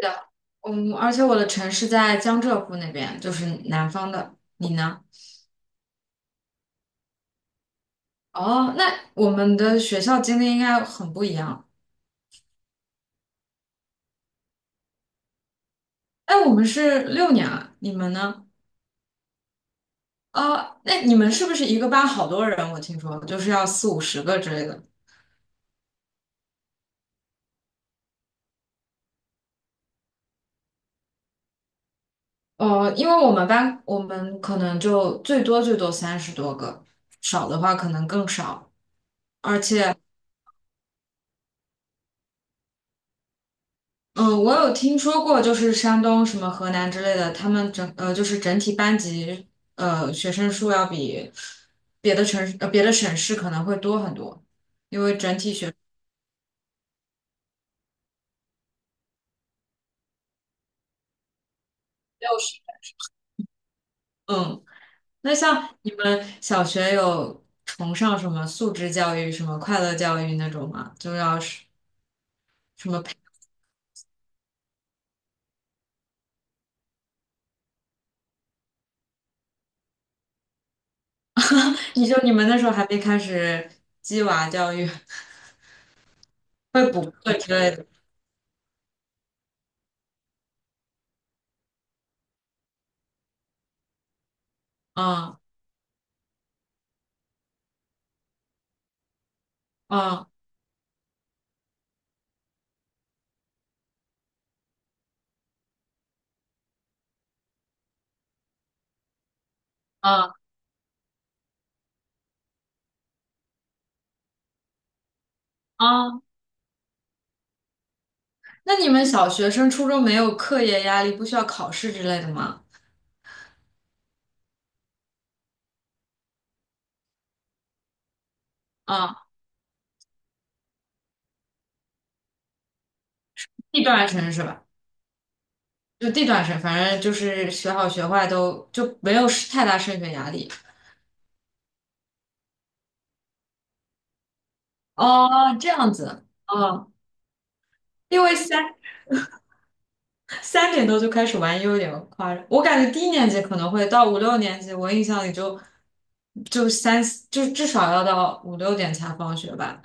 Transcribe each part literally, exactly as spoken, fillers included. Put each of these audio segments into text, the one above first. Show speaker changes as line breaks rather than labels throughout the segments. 的，嗯，而且我的城市在江浙沪那边，就是南方的。你呢？哦，那我们的学校经历应该很不一样。哎，我们是六年啊，你们呢？哦，那你们是不是一个班好多人？我听说就是要四五十个之类的。哦，因为我们班我们可能就最多最多三十多个，少的话可能更少。而且。嗯，我有听说过，就是山东什么河南之类的，他们整呃就是整体班级呃学生数要比别的城市呃别的省市可能会多很多。六十嗯，那像你们小学有崇尚什么素质教育、什么快乐教育那种吗？就要是什么培，你就你们那时候还没开始鸡娃教育，会补课之类的。嗯嗯嗯嗯。那你们小学生、初中没有课业压力，不需要考试之类的吗？啊，地段生是吧？就地段生，反正就是学好学坏都就没有太大升学压力。哦，这样子。哦，因为三三点多就开始玩，又有点夸张。我感觉低年级可能会到五六年级，我印象里就就三，就至少要到五六点才放学吧。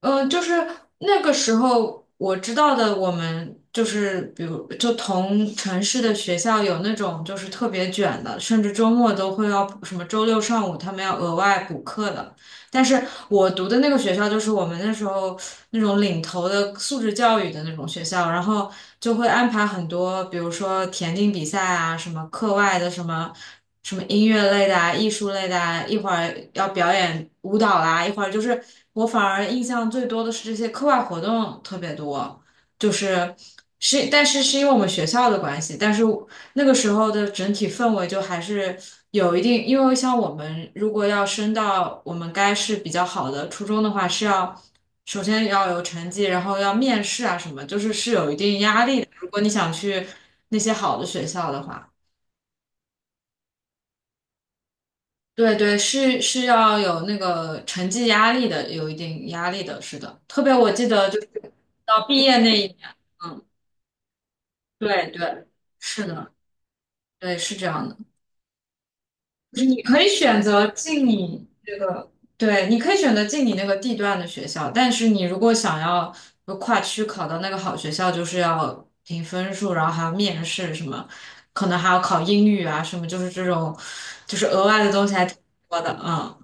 呃，就是那个时候我知道的，我们就是比如就同城市的学校有那种就是特别卷的，甚至周末都会要什么周六上午他们要额外补课的。但是我读的那个学校就是我们那时候那种领头的素质教育的那种学校，然后就会安排很多，比如说田径比赛啊，什么课外的什么什么音乐类的啊，艺术类的啊，一会儿要表演舞蹈啦，一会儿就是我反而印象最多的是这些课外活动特别多，就是是，但是是因为我们学校的关系，但是。那个时候的整体氛围就还是有一定，因为像我们如果要升到我们该是比较好的初中的话，是要首先要有成绩，然后要面试啊什么，就是是有一定压力的。如果你想去那些好的学校的话，对对，是是要有那个成绩压力的，有一定压力的，是的。特别我记得就是到毕业那一年，嗯，对对，是的，对，是这样的。就是你可以选择进你这个，对，你可以选择进你那个地段的学校，但是你如果想要就跨区考到那个好学校，就是要凭分数，然后还要面试什么，可能还要考英语啊什么，就是这种，就是额外的东西还挺多的，嗯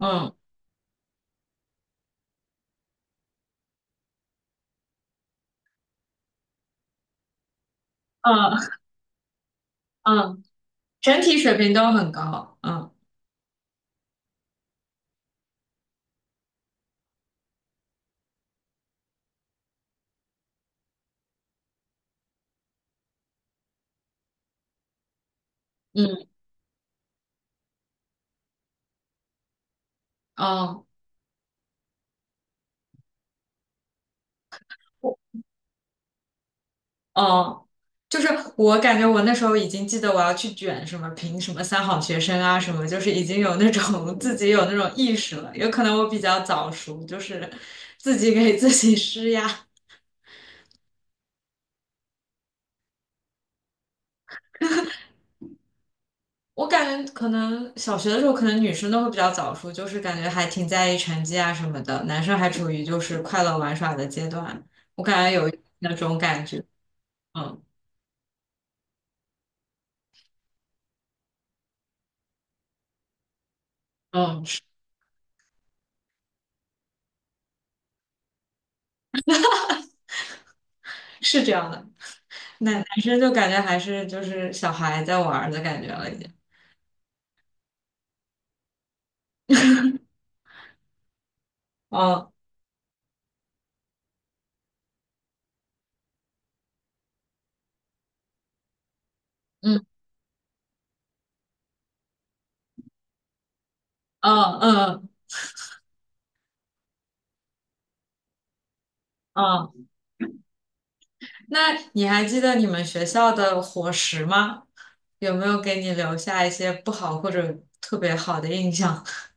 嗯嗯嗯，整体水平都很高，嗯嗯嗯。哦，就是我感觉我那时候已经记得我要去卷什么评什么三好学生啊什么，就是已经有那种 自己有那种意识了。有可能我比较早熟，就是自己给自己施压。我感觉可能小学的时候，可能女生都会比较早熟，就是感觉还挺在意成绩啊什么的，男生还处于就是快乐玩耍的阶段。我感觉有那种感觉，嗯嗯，是是这样的。男男生就感觉还是就是小孩在玩儿的感觉了，已经。嗯嗯。嗯嗯嗯，那你还记得你们学校的伙食吗？有没有给你留下一些不好或者特别好的印象？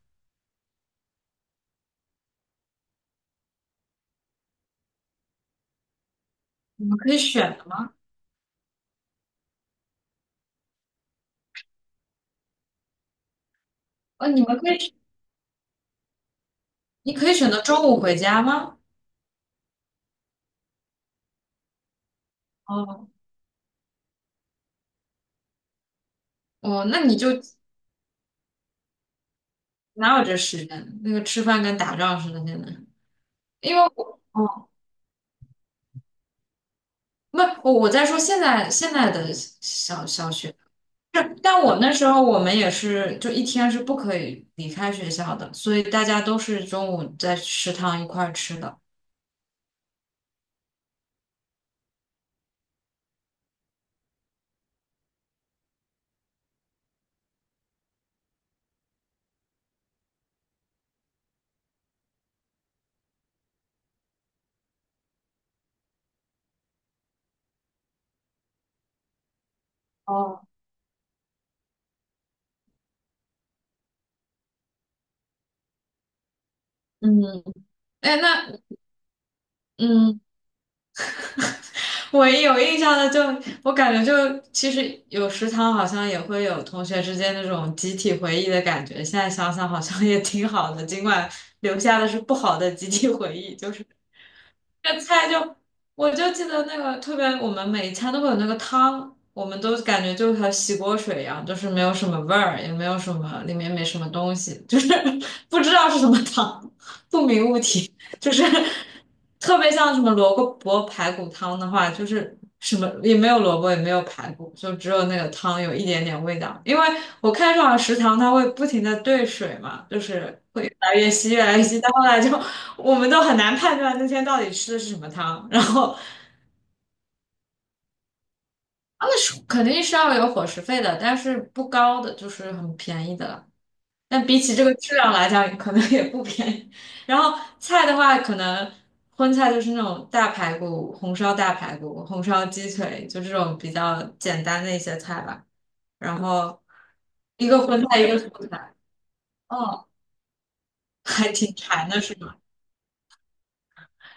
你们可以选的吗？哦，你们可以，你可以选择中午回家吗？哦哦，那你就哪有这时间？那个吃饭跟打仗似的，现在。因为我，哦，不，我我在说现在现在的小小学。是，但我那时候我们也是，就一天是不可以离开学校的，所以大家都是中午在食堂一块儿吃的。哦，嗯，哎，那嗯，我有印象的就，我感觉就其实有食堂好像也会有同学之间那种集体回忆的感觉。现在想想好像也挺好的，尽管留下的是不好的集体回忆，就是这菜就，我就记得那个特别，我们每一餐都会有那个汤，我们都感觉就和洗锅水一样，就是没有什么味儿，也没有什么，里面没什么东西，就是 不知道是什么汤，不明物体，就是特别像什么萝卜萝卜排骨汤的话，就是什么也没有萝卜，也没有排骨，就只有那个汤有一点点味道。因为我看上了食堂，它会不停的兑水嘛，就是会越来越稀，越来越稀，到后来就我们都很难判断那天到底吃的是什么汤。然后他们是肯定是要有伙食费的，但是不高的，就是很便宜的了。但比起这个质量来讲，可能也不便宜。然后菜的话，可能荤菜就是那种大排骨、红烧大排骨、红烧鸡腿，就这种比较简单的一些菜吧。然后一个荤菜，一个素菜，哦，还挺馋的是吗？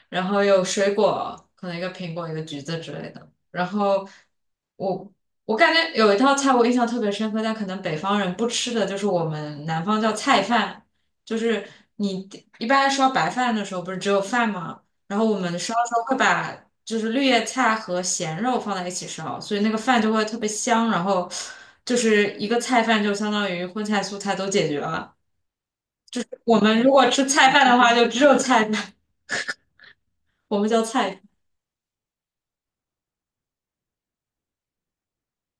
然后有水果，可能一个苹果，一个橘子之类的。然后我我感觉有一道菜我印象特别深刻，但可能北方人不吃的就是我们南方叫菜饭，就是你一般烧白饭的时候不是只有饭吗？然后我们烧的时候会把就是绿叶菜和咸肉放在一起烧，所以那个饭就会特别香，然后就是一个菜饭就相当于荤菜素菜都解决了。我们如果吃菜饭的话，就只有菜饭，我们叫菜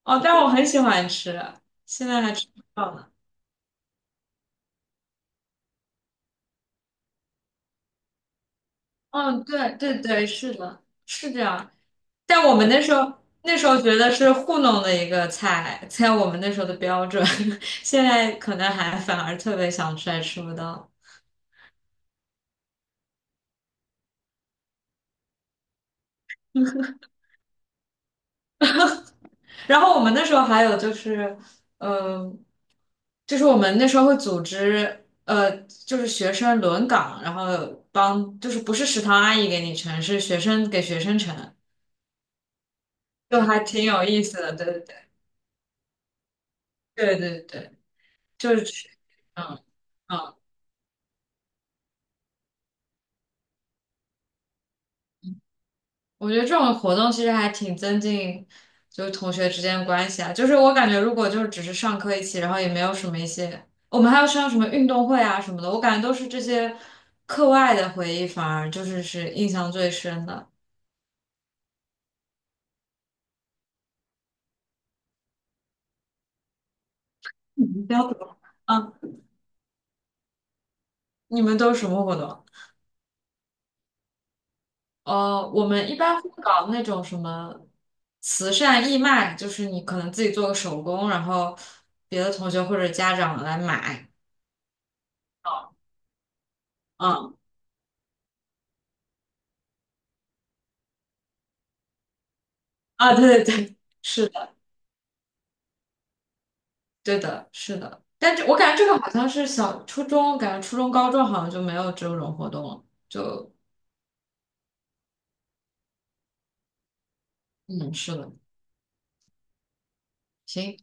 哦，但我很喜欢吃，现在还吃不到呢。嗯，对对对，是的，是这样。但我们那时候那时候觉得是糊弄的一个菜，在我们那时候的标准，现在可能还反而特别想吃，还吃不到。然后我们那时候还有就是，嗯、就是我们那时候会组织，呃，就是学生轮岗，然后帮，就是不是食堂阿姨给你盛，是学生给学生盛，就还挺有意思的，对对对对对对。就是去嗯嗯，我觉得这种活动其实还挺增进就是同学之间的关系啊。就是我感觉，如果就是只是上课一起，然后也没有什么一些，我们还要上什么运动会啊什么的，我感觉都是这些课外的回忆，反而就是是印象最深的。你们都怎么？嗯，你们都是什么活动？呃，我们一般会搞那种什么慈善义卖，就是你可能自己做个手工，然后别的同学或者家长来买。嗯。啊，对对对，是的，对的，是的。但这我感觉这个好像是小初中，感觉初中、高中好像就没有这种活动了。就嗯，是的，行。